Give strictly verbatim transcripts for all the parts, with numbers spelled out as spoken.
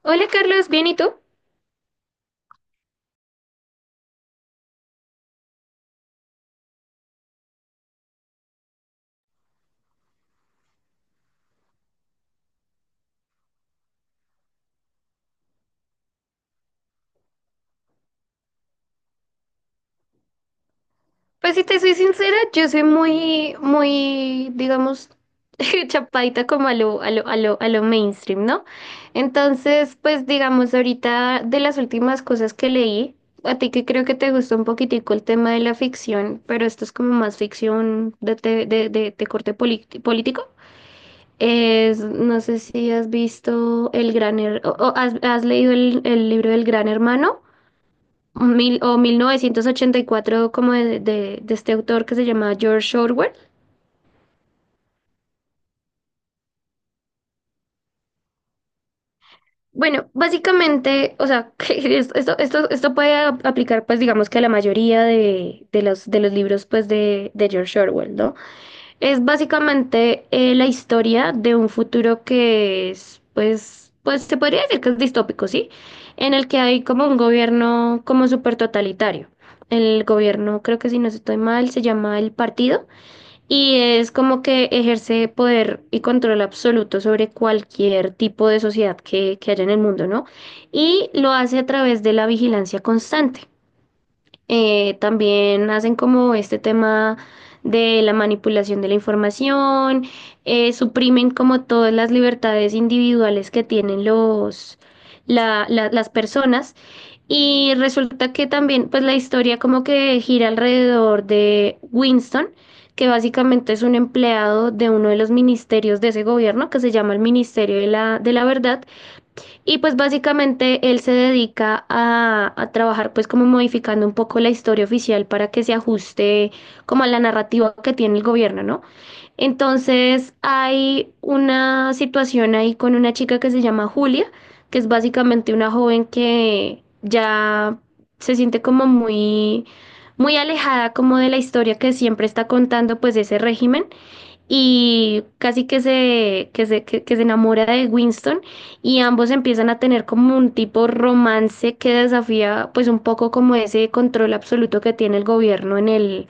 Hola Carlos, ¿bien y tú? Pues si te soy sincera, yo soy muy, muy, digamos, chapaita como a lo, a lo, a lo, a lo mainstream, ¿no? Entonces, pues digamos, ahorita de las últimas cosas que leí, a ti que creo que te gustó un poquitico el tema de la ficción, pero esto es como más ficción de, te- de, de, de corte polit- político. Es, no sé si has visto El Gran Her- o, o has, has leído el el libro del Gran Hermano. mil, o mil novecientos ochenta y cuatro, como de, de- de este autor que se llama George Orwell. Bueno, básicamente, o sea, que es- esto, esto, esto puede ap- aplicar, pues digamos que a la mayoría de, de los, de los libros, pues de, de George Orwell, ¿no? Es básicamente eh, la historia de un futuro que es, pues, pues se podría decir que es distópico, ¿sí? En el que hay como un gobierno como súper totalitario. El gobierno, creo que si no estoy mal, se llama el Partido. Y es como que ejerce poder y control absoluto sobre cualquier tipo de sociedad que, que haya en el mundo, ¿no? Y lo hace a través de la vigilancia constante. Eh, también hacen como este tema de la manipulación de la información, eh, suprimen como todas las libertades individuales que tienen los, la- la- las personas y resulta que también, pues la historia como que gira alrededor de Winston, que básicamente es un empleado de uno de los ministerios de ese gobierno, que se llama el Ministerio de la, de la Verdad, y pues básicamente él se dedica a, a trabajar pues como modificando un poco la historia oficial para que se ajuste como a la narrativa que tiene el gobierno, ¿no? Entonces hay una situación ahí con una chica que se llama Julia, que es básicamente una joven que ya se siente como muy, muy alejada como de la historia que siempre está contando pues ese régimen y casi que se, que se, que, que se enamora de Winston y ambos empiezan a tener como un tipo romance que desafía pues un poco como ese control absoluto que tiene el gobierno en el,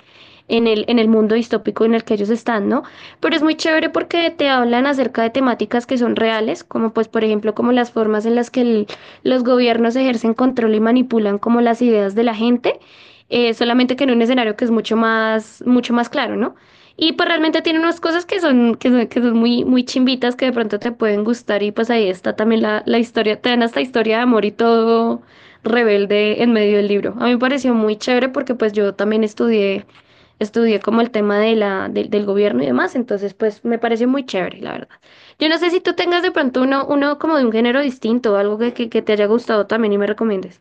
en el, en el mundo distópico en el que ellos están, ¿no? Pero es muy chévere porque te hablan acerca de temáticas que son reales, como pues por ejemplo como las formas en las que el- los gobiernos ejercen control y manipulan como las ideas de la gente. Eh, solamente que en un escenario que es mucho más, mucho más claro, ¿no? Y pues realmente tiene unas cosas que son, que son, que son muy, muy chimbitas que de pronto te pueden gustar y pues ahí está también la, la historia, te dan hasta historia de amor y todo rebelde en medio del libro. A mí me pareció muy chévere porque pues yo también estudié, estudié como el tema de la, del del gobierno y demás, entonces pues me pareció muy chévere, la verdad. Yo no sé si tú tengas de pronto uno, uno como de un género distinto, algo que, que, que te haya gustado también y me recomiendes.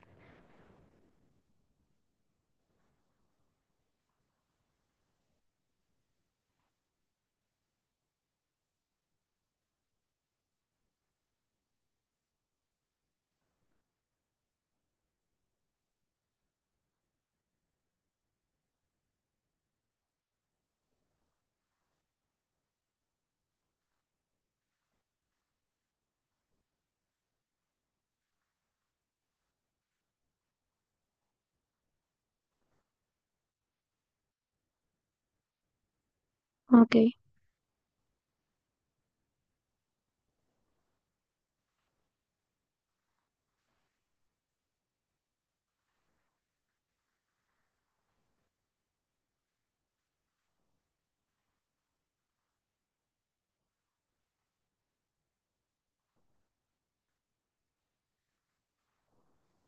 Ok.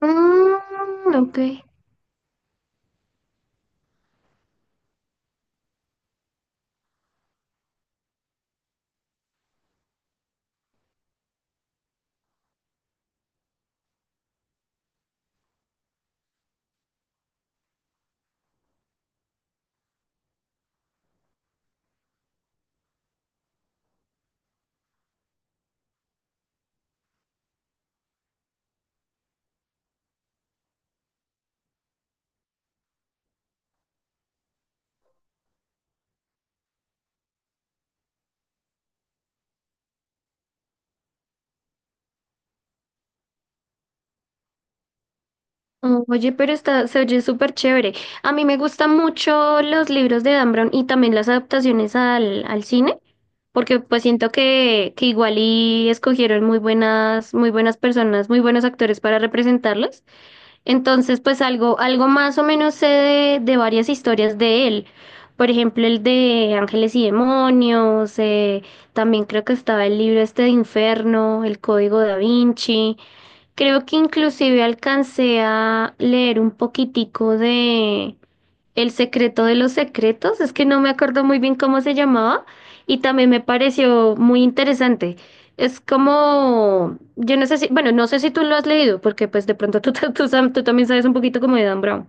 Mm, ok. Oh, oye, pero está, se oye súper chévere. A mí me gustan mucho los libros de Dan Brown y también las adaptaciones al, al cine, porque pues siento que, que igual y escogieron muy buenas, muy buenas personas, muy buenos actores para representarlos. Entonces, pues algo, algo más o menos sé de, de varias historias de él. Por ejemplo, el de Ángeles y Demonios, eh, también creo que estaba el libro este de Inferno, El Código Da Vinci. Creo que inclusive alcancé a leer un poquitico de El secreto de los secretos, es que no me acuerdo muy bien cómo se llamaba y también me pareció muy interesante. Es como, yo no sé si, bueno, no sé si tú lo has leído, porque pues de pronto tú, tú, tú sam- tú también sabes un poquito como de Dan Brown.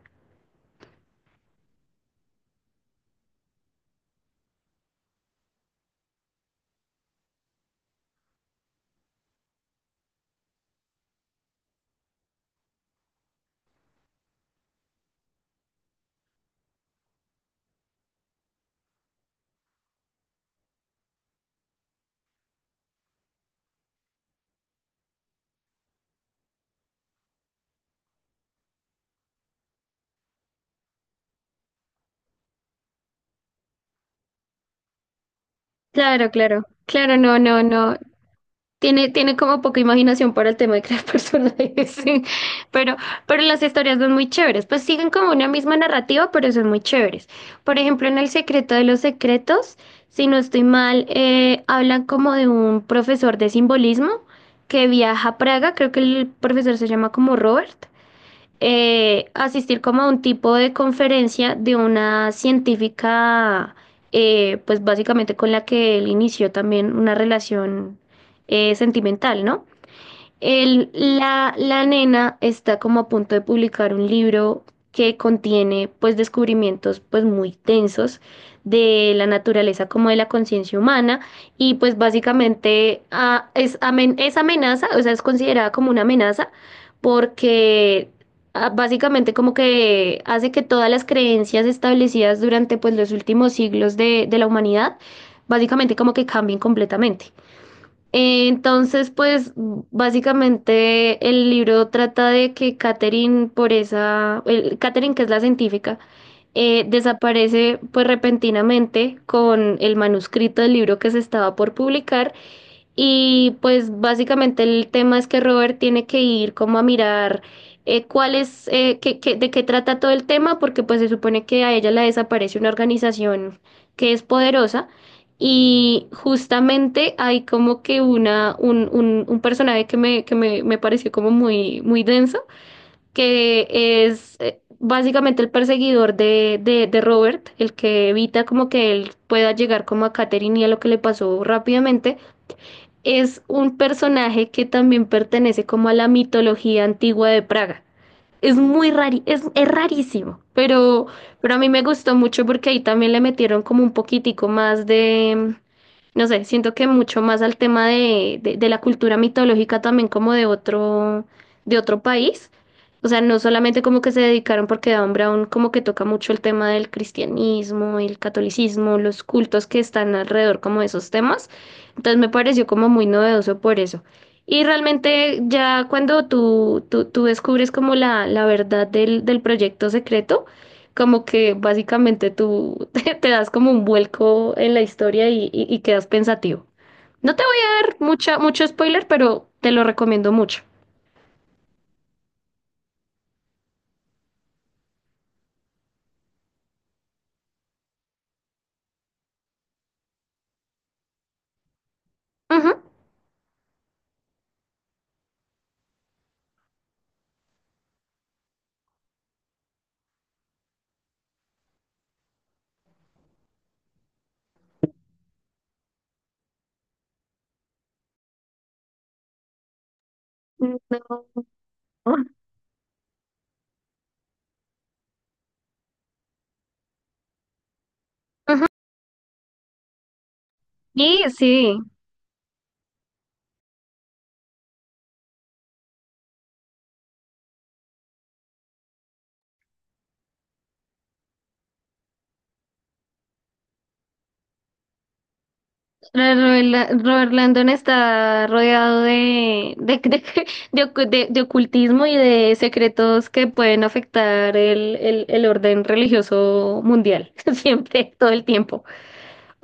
Claro, claro, claro, no, no, no. Tiene, tiene como poca imaginación para el tema de crear personajes, sí. Pero, pero las historias son muy chéveres. Pues siguen como una misma narrativa, pero son muy chéveres. Por ejemplo, en El secreto de los secretos, si no estoy mal, eh, hablan como de un profesor de simbolismo que viaja a Praga, creo que el profesor se llama como Robert eh, asistir como a un tipo de conferencia de una científica, eh, pues básicamente con la que él inició también una relación eh, sentimental, ¿no? El, la, la nena está como a punto de publicar un libro que contiene pues descubrimientos pues muy tensos de la naturaleza como de la conciencia humana y pues básicamente ah, es, amen- es amenaza, o sea, es considerada como una amenaza porque ah, básicamente como que hace que todas las creencias establecidas durante pues los últimos siglos de, de la humanidad básicamente como que cambien completamente. Eh, Entonces, pues básicamente el libro trata de que Catherine, por esa, el, Catherine, que es la científica, eh, desaparece pues repentinamente con el manuscrito del libro que se estaba por publicar y pues básicamente el tema es que Robert tiene que ir como a mirar eh, cuál es, eh, qué- qué- de qué trata todo el tema, porque pues se supone que a ella la desaparece una organización que es poderosa y justamente hay como que una, un, un, un personaje que me, que me, me pareció como muy, muy denso, que es eh, básicamente el perseguidor de, de, de Robert, el que evita como que él pueda llegar como a Catherine y a lo que le pasó rápidamente, es un personaje que también pertenece como a la mitología antigua de Praga. Es muy rari, es, es rarísimo, pero, pero a mí me gustó mucho porque ahí también le metieron como un poquitico más de, no sé, siento que mucho más al tema de, de, de la cultura mitológica también como de otro, de otro, país. O sea, no solamente como que se dedicaron porque Dan Brown como que toca mucho el tema del cristianismo, el catolicismo, los cultos que están alrededor como de esos temas. Entonces me pareció como muy novedoso por eso. Y realmente ya cuando tú, tú, tú descubres como la, la verdad del, del proyecto secreto, como que básicamente tú te, te das como un vuelco en la historia y, y- y quedas pensativo. No te voy a dar mucha, mucho spoiler, pero te lo recomiendo mucho. Ujú. No. Y sí, la novela- Robert Landon está rodeado de, de, de, de ocu- de- de ocultismo y de secretos que pueden afectar el, el, el orden religioso mundial, siempre, todo el tiempo.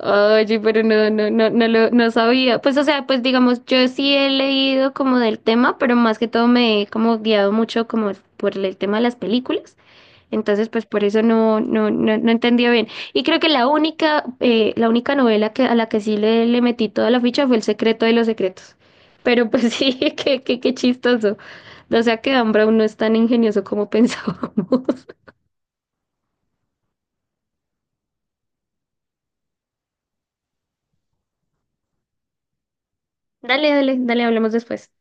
Oye, pero no, no, no, no lo, no sabía. Pues, o sea, pues digamos, yo sí he leído como del tema, pero más que todo me he como guiado mucho como por el tema de las películas. Entonces, pues por eso no, no, no, no entendía bien. Y creo que la única, eh, la única novela que, a la que sí le, le metí toda la ficha fue El secreto de los secretos. Pero pues sí, qué, qué, qué chistoso. O sea que Ambra no es tan ingenioso como pensábamos. Dale, dale, dale, hablemos después.